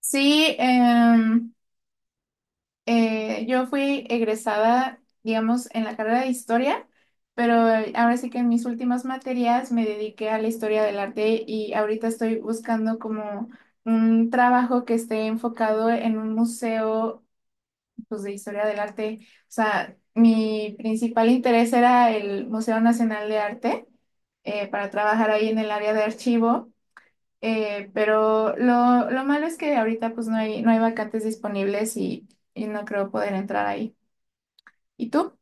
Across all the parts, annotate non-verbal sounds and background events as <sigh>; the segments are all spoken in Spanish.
Sí, yo fui egresada, digamos, en la carrera de historia, pero ahora sí que en mis últimas materias me dediqué a la historia del arte y ahorita estoy buscando como un trabajo que esté enfocado en un museo, pues, de historia del arte. O sea, mi principal interés era el Museo Nacional de Arte para trabajar ahí en el área de archivo. Pero lo malo es que ahorita pues no hay vacantes disponibles y no creo poder entrar ahí. ¿Y tú?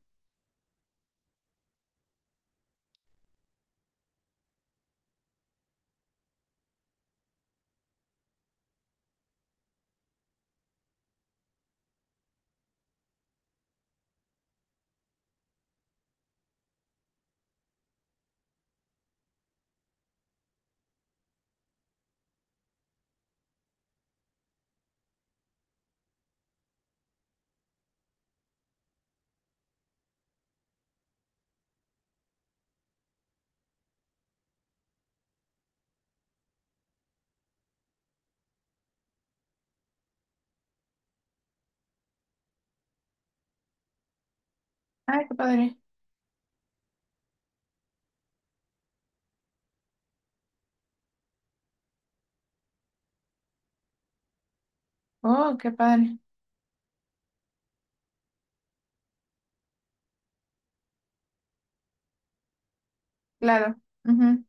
Ay, qué padre. Oh, qué padre. Claro. Ujú.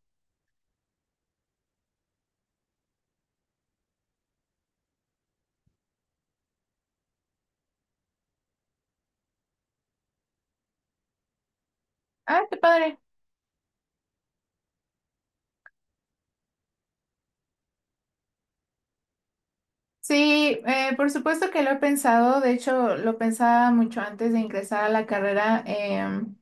Ay, qué padre. Sí, por supuesto que lo he pensado. De hecho, lo pensaba mucho antes de ingresar a la carrera.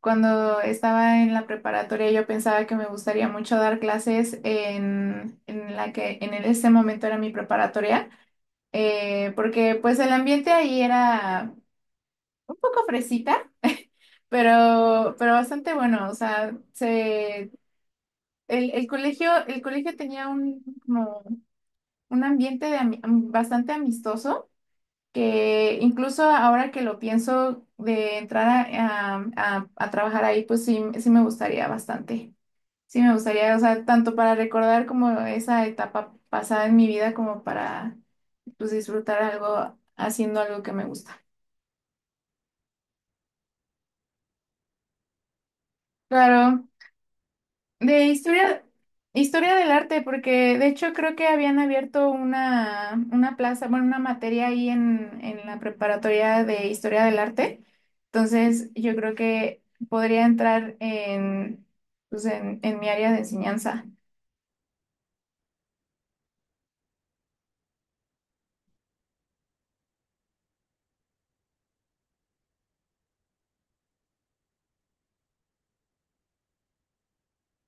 Cuando estaba en la preparatoria, yo pensaba que me gustaría mucho dar clases en la que en ese momento era mi preparatoria porque pues el ambiente ahí era un poco fresita, pero bastante bueno. O sea, se, el, el colegio tenía un, como un ambiente de bastante amistoso, que incluso ahora que lo pienso de entrar a, a trabajar ahí, pues sí, sí me gustaría bastante. Sí me gustaría, o sea, tanto para recordar como esa etapa pasada en mi vida, como para pues disfrutar algo haciendo algo que me gusta. Claro. De historia, historia del arte, porque de hecho creo que habían abierto una plaza, bueno, una materia ahí en la preparatoria de historia del arte. Entonces, yo creo que podría entrar en, pues, en mi área de enseñanza.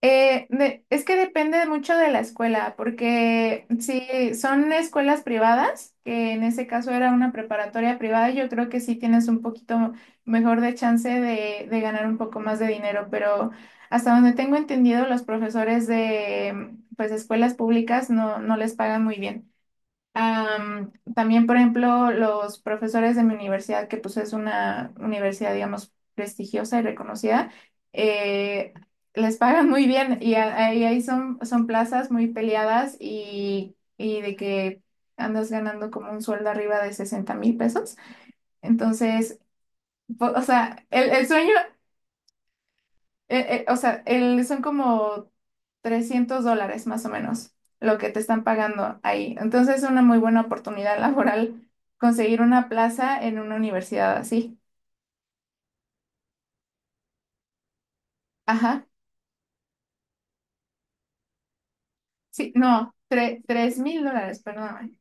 Es que depende mucho de la escuela, porque si son escuelas privadas, que en ese caso era una preparatoria privada, yo creo que sí tienes un poquito mejor de chance de ganar un poco más de dinero, pero hasta donde tengo entendido, los profesores de pues escuelas públicas no, no les pagan muy bien. También, por ejemplo, los profesores de mi universidad, que pues es una universidad, digamos, prestigiosa y reconocida, eh, les pagan muy bien y ahí son, son plazas muy peleadas y de que andas ganando como un sueldo arriba de 60.000 pesos. Entonces, o sea, el sueño o sea, son como $300 más o menos lo que te están pagando ahí. Entonces es una muy buena oportunidad <laughs> laboral conseguir una plaza en una universidad así. Ajá. Sí, no, $3.000, perdóname.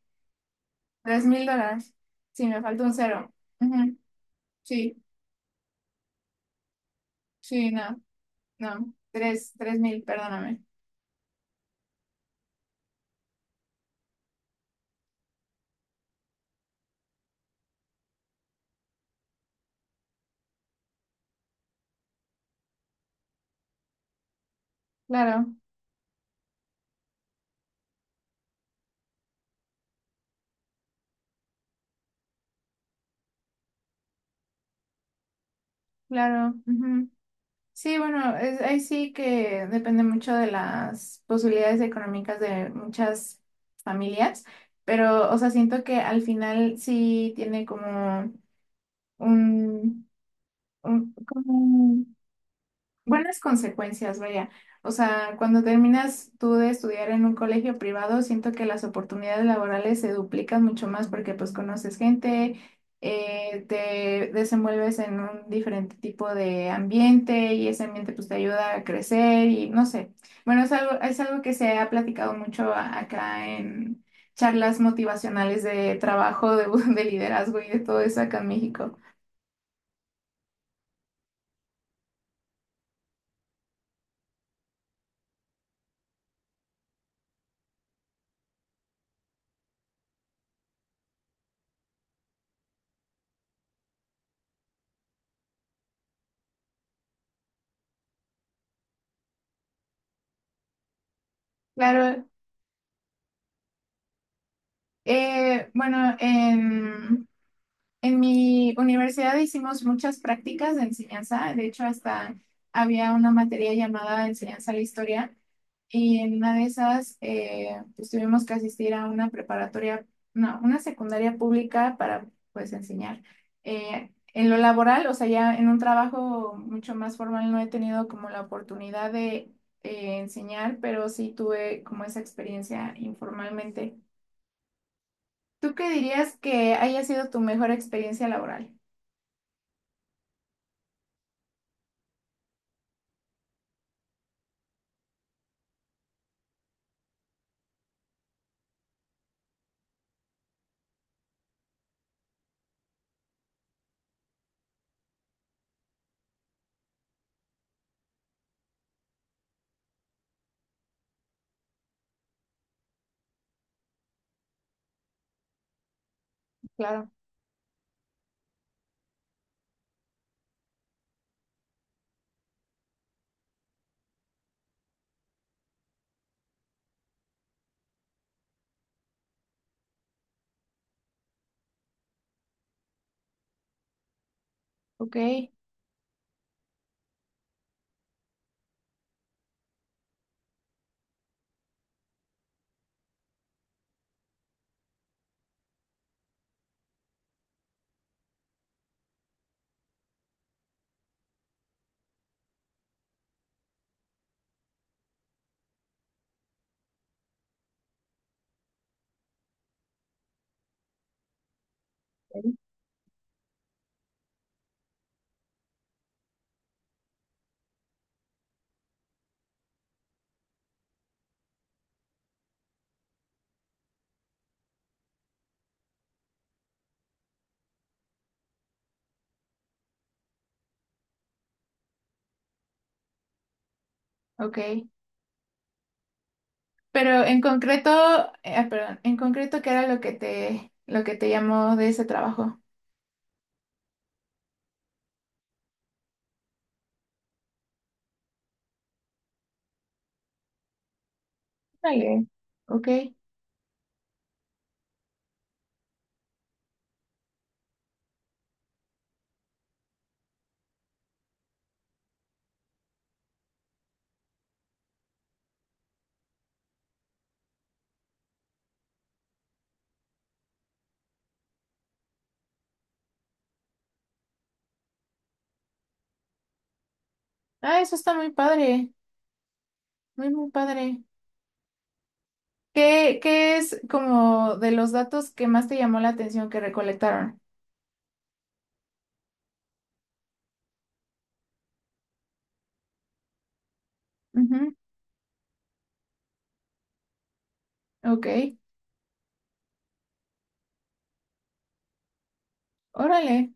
$3.000. Sí, me falta un cero. Ujú. Sí, sí, no, no. 3.000, perdóname. Claro, claro. Ujú. Sí, bueno, es, ahí sí que depende mucho de las posibilidades económicas de muchas familias, pero, o sea, siento que al final sí tiene como un, un, como buenas consecuencias, vaya. O sea, cuando terminas tú de estudiar en un colegio privado, siento que las oportunidades laborales se duplican mucho más porque pues conoces gente, te desenvuelves en un diferente tipo de ambiente y ese ambiente pues te ayuda a crecer y no sé. Bueno, es algo que se ha platicado mucho acá en charlas motivacionales de trabajo, de, <laughs> de liderazgo y de todo eso acá en México. Claro. Eh, bueno, en En mi universidad hicimos muchas prácticas de enseñanza, de hecho hasta había una materia llamada enseñanza a la historia y en una de esas pues tuvimos que asistir a una preparatoria, no, una secundaria pública para pues enseñar. En lo laboral, o sea, ya en un trabajo mucho más formal no he tenido como la oportunidad de enseñar, pero sí tuve como esa experiencia informalmente. ¿Tú qué dirías que haya sido tu mejor experiencia laboral? Claro. Ok, ok. Pero en concreto, perdón, en concreto, ¿qué era lo que te llamó de ese trabajo? Vale. Ok. Ah, eso está muy padre, muy, muy padre. ¿Qué, qué es como de los datos que más te llamó la atención que recolectaron? Ujú. Ok, órale,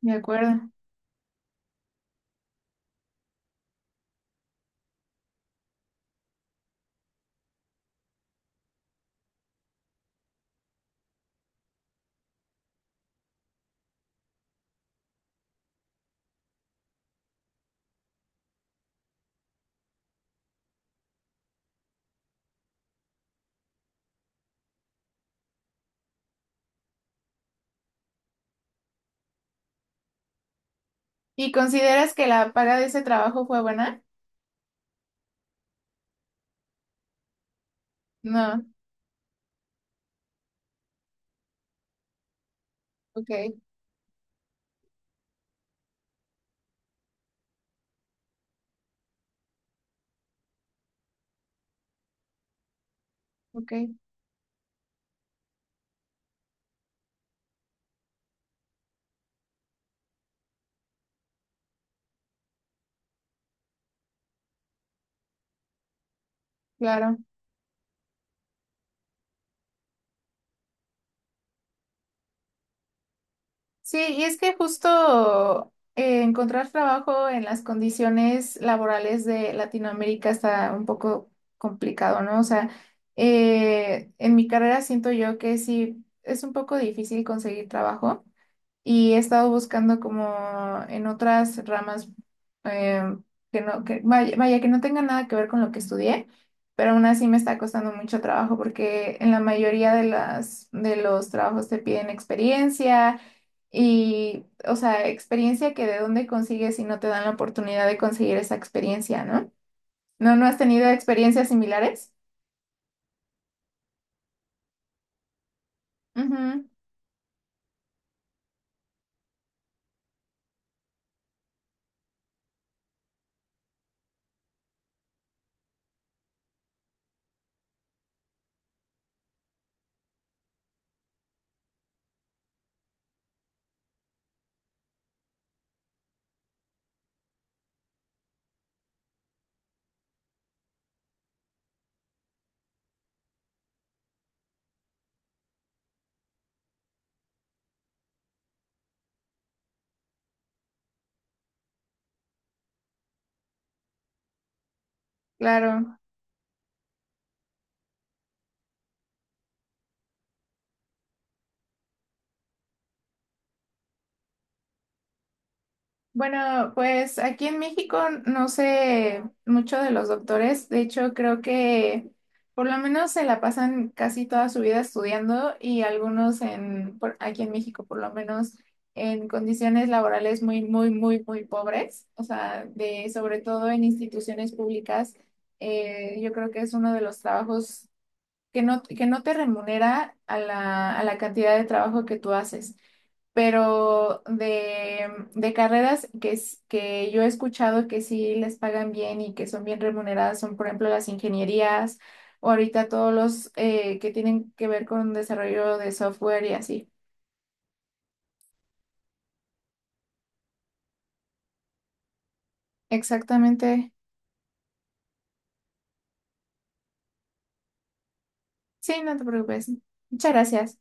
de acuerdo. ¿Y consideras que la paga de ese trabajo fue buena? No, ok, ok, claro. Sí, y es que justo encontrar trabajo en las condiciones laborales de Latinoamérica está un poco complicado, ¿no? O sea, en mi carrera siento yo que sí es un poco difícil conseguir trabajo y he estado buscando como en otras ramas eh, que no, que vaya, vaya, que no tengan nada que ver con lo que estudié, pero aún así me está costando mucho trabajo porque en la mayoría de las, de los trabajos te piden experiencia y, o sea, experiencia que de dónde consigues si no te dan la oportunidad de conseguir esa experiencia, ¿no? ¿No, no has tenido experiencias similares? Ujú, claro. Bueno, pues aquí en México no sé mucho de los doctores. De hecho, creo que por lo menos se la pasan casi toda su vida estudiando y algunos en, aquí en México por lo menos en condiciones laborales muy, muy, muy, muy pobres. O sea, de, sobre todo en instituciones públicas, yo creo que es uno de los trabajos que no te remunera a la cantidad de trabajo que tú haces pero de carreras que, que yo he escuchado que sí les pagan bien y que son bien remuneradas son, por ejemplo, las ingenierías o ahorita todos los que tienen que ver con desarrollo de software y así. Exactamente. Sí, no te preocupes. Muchas gracias.